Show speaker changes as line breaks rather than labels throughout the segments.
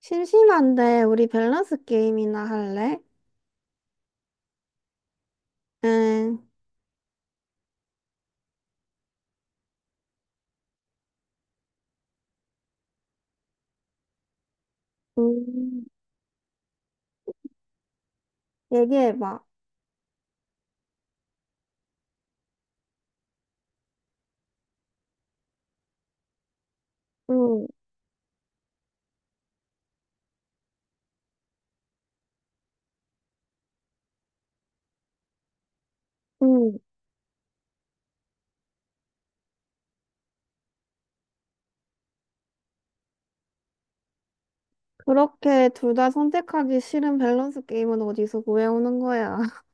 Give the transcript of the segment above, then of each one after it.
심심한데 우리 밸런스 게임이나 할래? 응, 음, 얘기해봐. 응 응 그렇게 둘 다 선택하기 싫은 밸런스 게임은 어디서 구해오는 거야?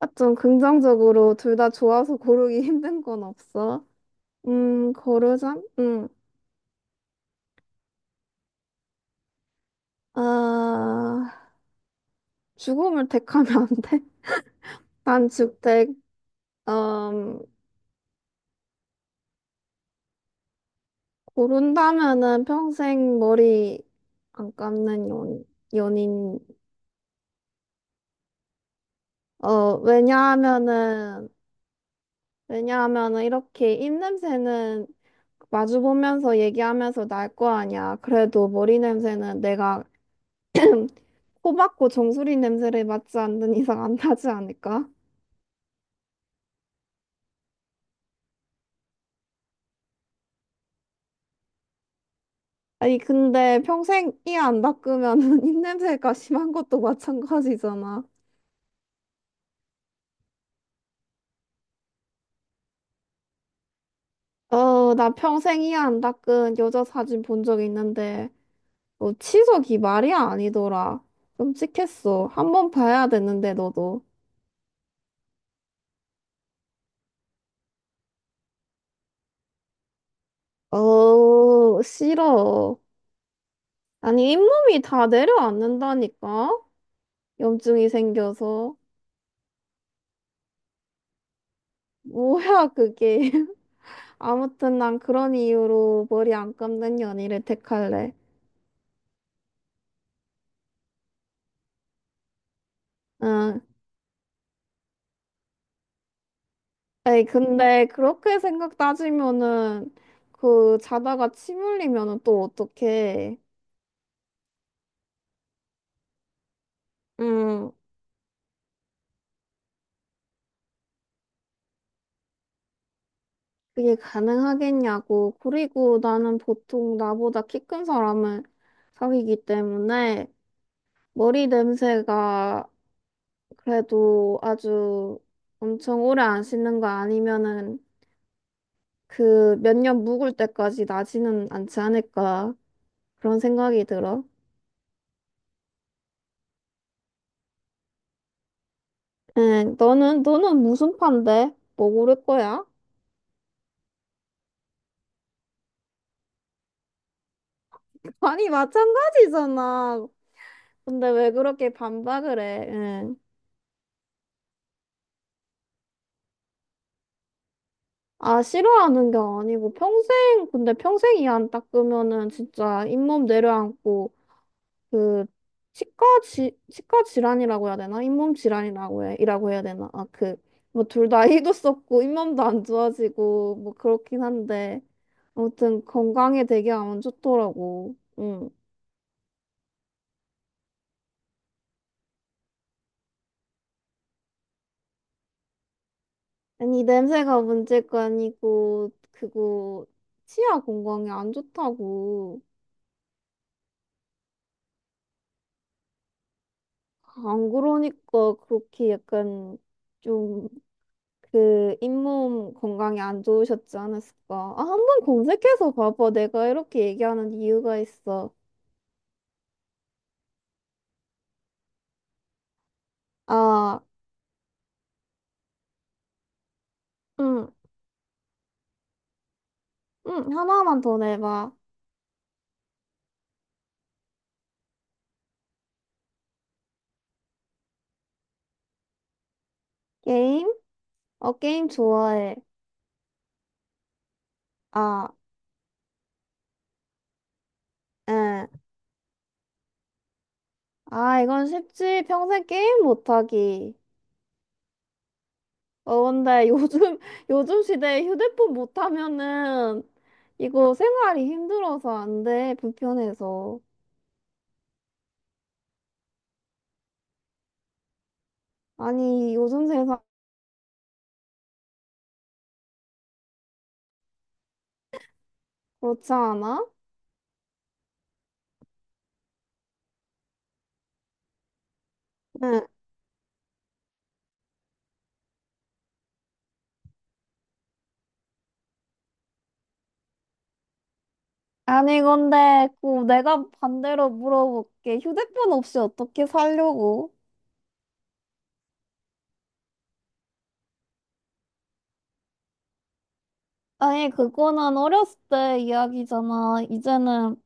아, 좀 긍정적으로 둘 다 좋아서 고르기 힘든 건 없어? 고르자. 응 아, 죽음을 택하면 안 돼? 난 죽택. 음, 고른다면은 평생 머리 안 감는 연인. 어, 왜냐하면은, 왜냐하면은 이렇게 입 냄새는 마주보면서 얘기하면서 날 거 아니야. 그래도 머리 냄새는 내가 코 박고 정수리 냄새를 맡지 않는 이상 안 나지 않을까? 아니, 근데 평생 이 안 닦으면은 입 냄새가 심한 것도 마찬가지잖아. 나 평생 이 안 닦은 여자 사진 본 적 있는데, 치석이 말이 아니더라. 끔찍했어. 한번 봐야 되는데, 너도. 어, 싫어. 아니, 잇몸이 다 내려앉는다니까? 염증이 생겨서. 뭐야, 그게. 아무튼 난 그런 이유로 머리 안 감는 연희를 택할래. 응. 에이, 근데 그렇게 생각 따지면은, 자다가 침 흘리면은 또 어떡해. 응. 그게 가능하겠냐고. 그리고 나는 보통 나보다 키 큰 사람을 사귀기 때문에 머리 냄새가 그래도 아주 엄청 오래 안 씻는 거 아니면은 그 몇 년 묵을 때까지 나지는 않지 않을까 그런 생각이 들어. 응, 너는 무슨 판데? 뭐 고를 거야? 아니 마찬가지잖아. 근데 왜 그렇게 반박을 해? 응. 아 싫어하는 게 아니고 평생 근데 평생 이안 닦으면은 진짜 잇몸 내려앉고 그 치과 질환이라고 해야 되나? 잇몸 이라고 해야 되나? 아, 뭐 둘 다 희도 썼고 잇몸도 안 좋아지고 뭐 그렇긴 한데 아무튼 건강에 되게 안 좋더라고. 응. 아니 냄새가 문제가 아니고 그거 치아 건강에 안 좋다고. 안 그러니까 그렇게 약간 좀 그 잇몸 건강이 안 좋으셨지 않았을까? 아, 한번 검색해서 봐봐. 내가 이렇게 얘기하는 이유가 있어. 아, 응, 응, 하나만 더 내봐. 게임? 어, 게임 좋아해. 아, 응. 아, 이건 쉽지. 평생 게임 못하기. 어, 근데 요즘, 요즘 시대에 휴대폰 못하면은 이거 생활이 힘들어서 안 돼. 불편해서. 아니, 요즘 세상 그렇지 않아? 응. 아니, 근데, 내가 반대로 물어볼게. 휴대폰 없이 어떻게 살려고? 아니, 그거는 어렸을 때 이야기잖아. 이제는,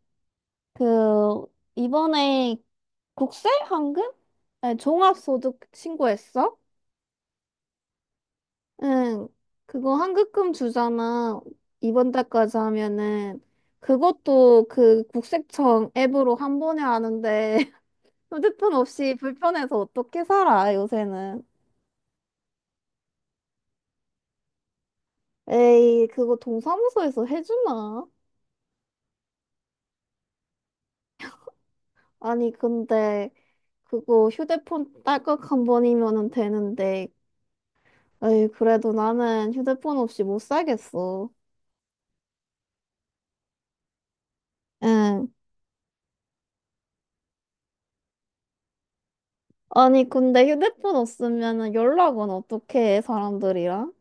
그, 이번에 국세? 한금? 네, 종합소득 신고했어? 응. 그거 한급금 주잖아. 이번 달까지 하면은. 그것도 그 국세청 앱으로 한 번에 하는데, 휴대폰 없이 불편해서 어떻게 살아, 요새는. 에이, 그거 동사무소에서 해주나? 아니, 근데 그거 휴대폰 딸깍 한 번이면은 되는데, 에이, 그래도 나는 휴대폰 없이 못 살겠어. 응. 아니, 근데 휴대폰 없으면은 연락은 어떻게 해, 사람들이랑?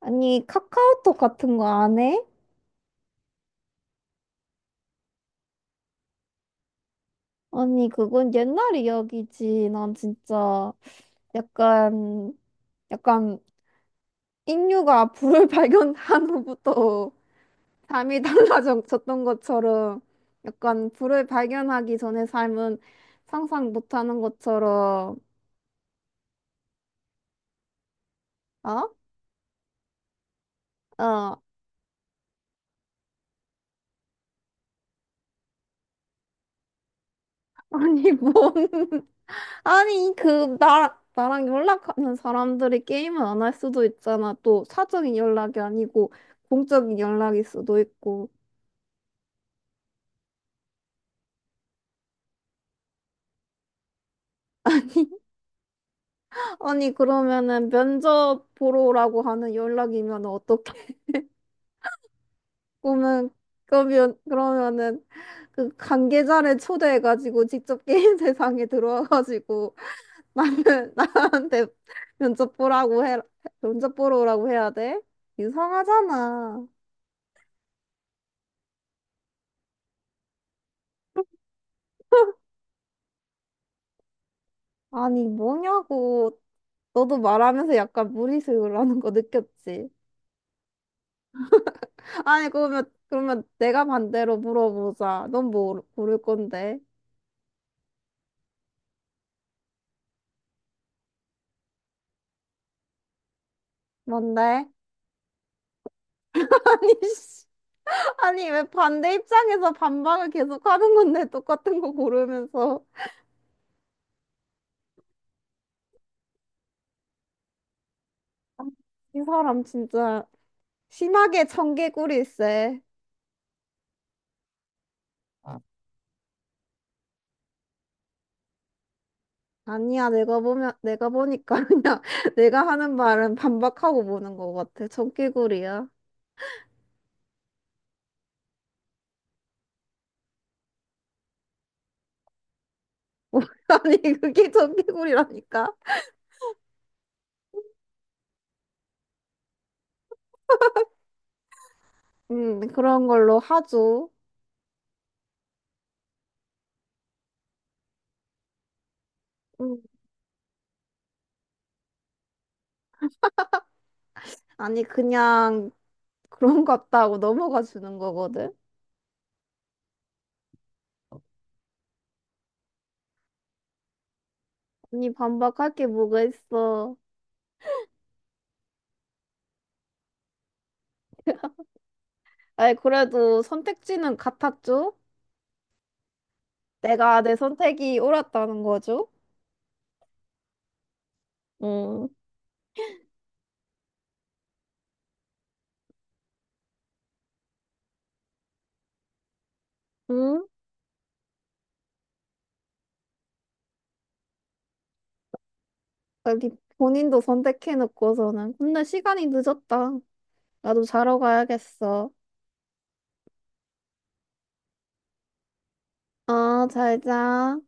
아니, 카카오톡 같은 거 안 해? 아니, 그건 옛날 이야기지. 난 진짜 약간, 약간, 인류가 불을 발견한 후부터 삶이 달라졌던 것처럼 약간 불을 발견하기 전에 삶은 상상 못하는 것처럼 어? 어 아니 뭔 아니 그 나 나랑 연락하는 사람들이 게임을 안 할 수도 있잖아 또 사적인 연락이 아니고 공적인 연락일 수도 있고 아니 그러면은 면접 보러 오라고 하는 연락이면 어떡해 그러면 그러면은 그 관계자를 초대해가지고 직접 게임 세상에 들어와가지고 나는 나한테 면접 보라고 해 면접 보러 오라고 해야 돼? 이상하잖아. 아니 뭐냐고 너도 말하면서 약간 무리수라는 거 느꼈지? 아니 그러면 내가 반대로 물어보자. 넌 뭐 고를 건데? 뭔데? 아니 씨. 아니, 왜 반대 입장에서 반박을 계속 하는 건데, 똑같은 거 고르면서. 아, 이 사람 진짜 심하게 청개구리세. 아니야, 내가 보니까 그냥 내가 하는 말은 반박하고 보는 것 같아. 청개구리야. 아니, 그게 청개구리라니까? 그런 걸로 하죠. 음, 아니, 그냥 그런 것 같다고 넘어가 주는 거거든? 아니, 반박할 게 뭐가 있어. 아니, 그래도 선택지는 같았죠? 내가 내 선택이 옳았다는 거죠? 응, 응? 여기 본인도 선택해놓고서는. 근데 시간이 늦었다. 나도 자러 가야겠어. 아, 잘 자.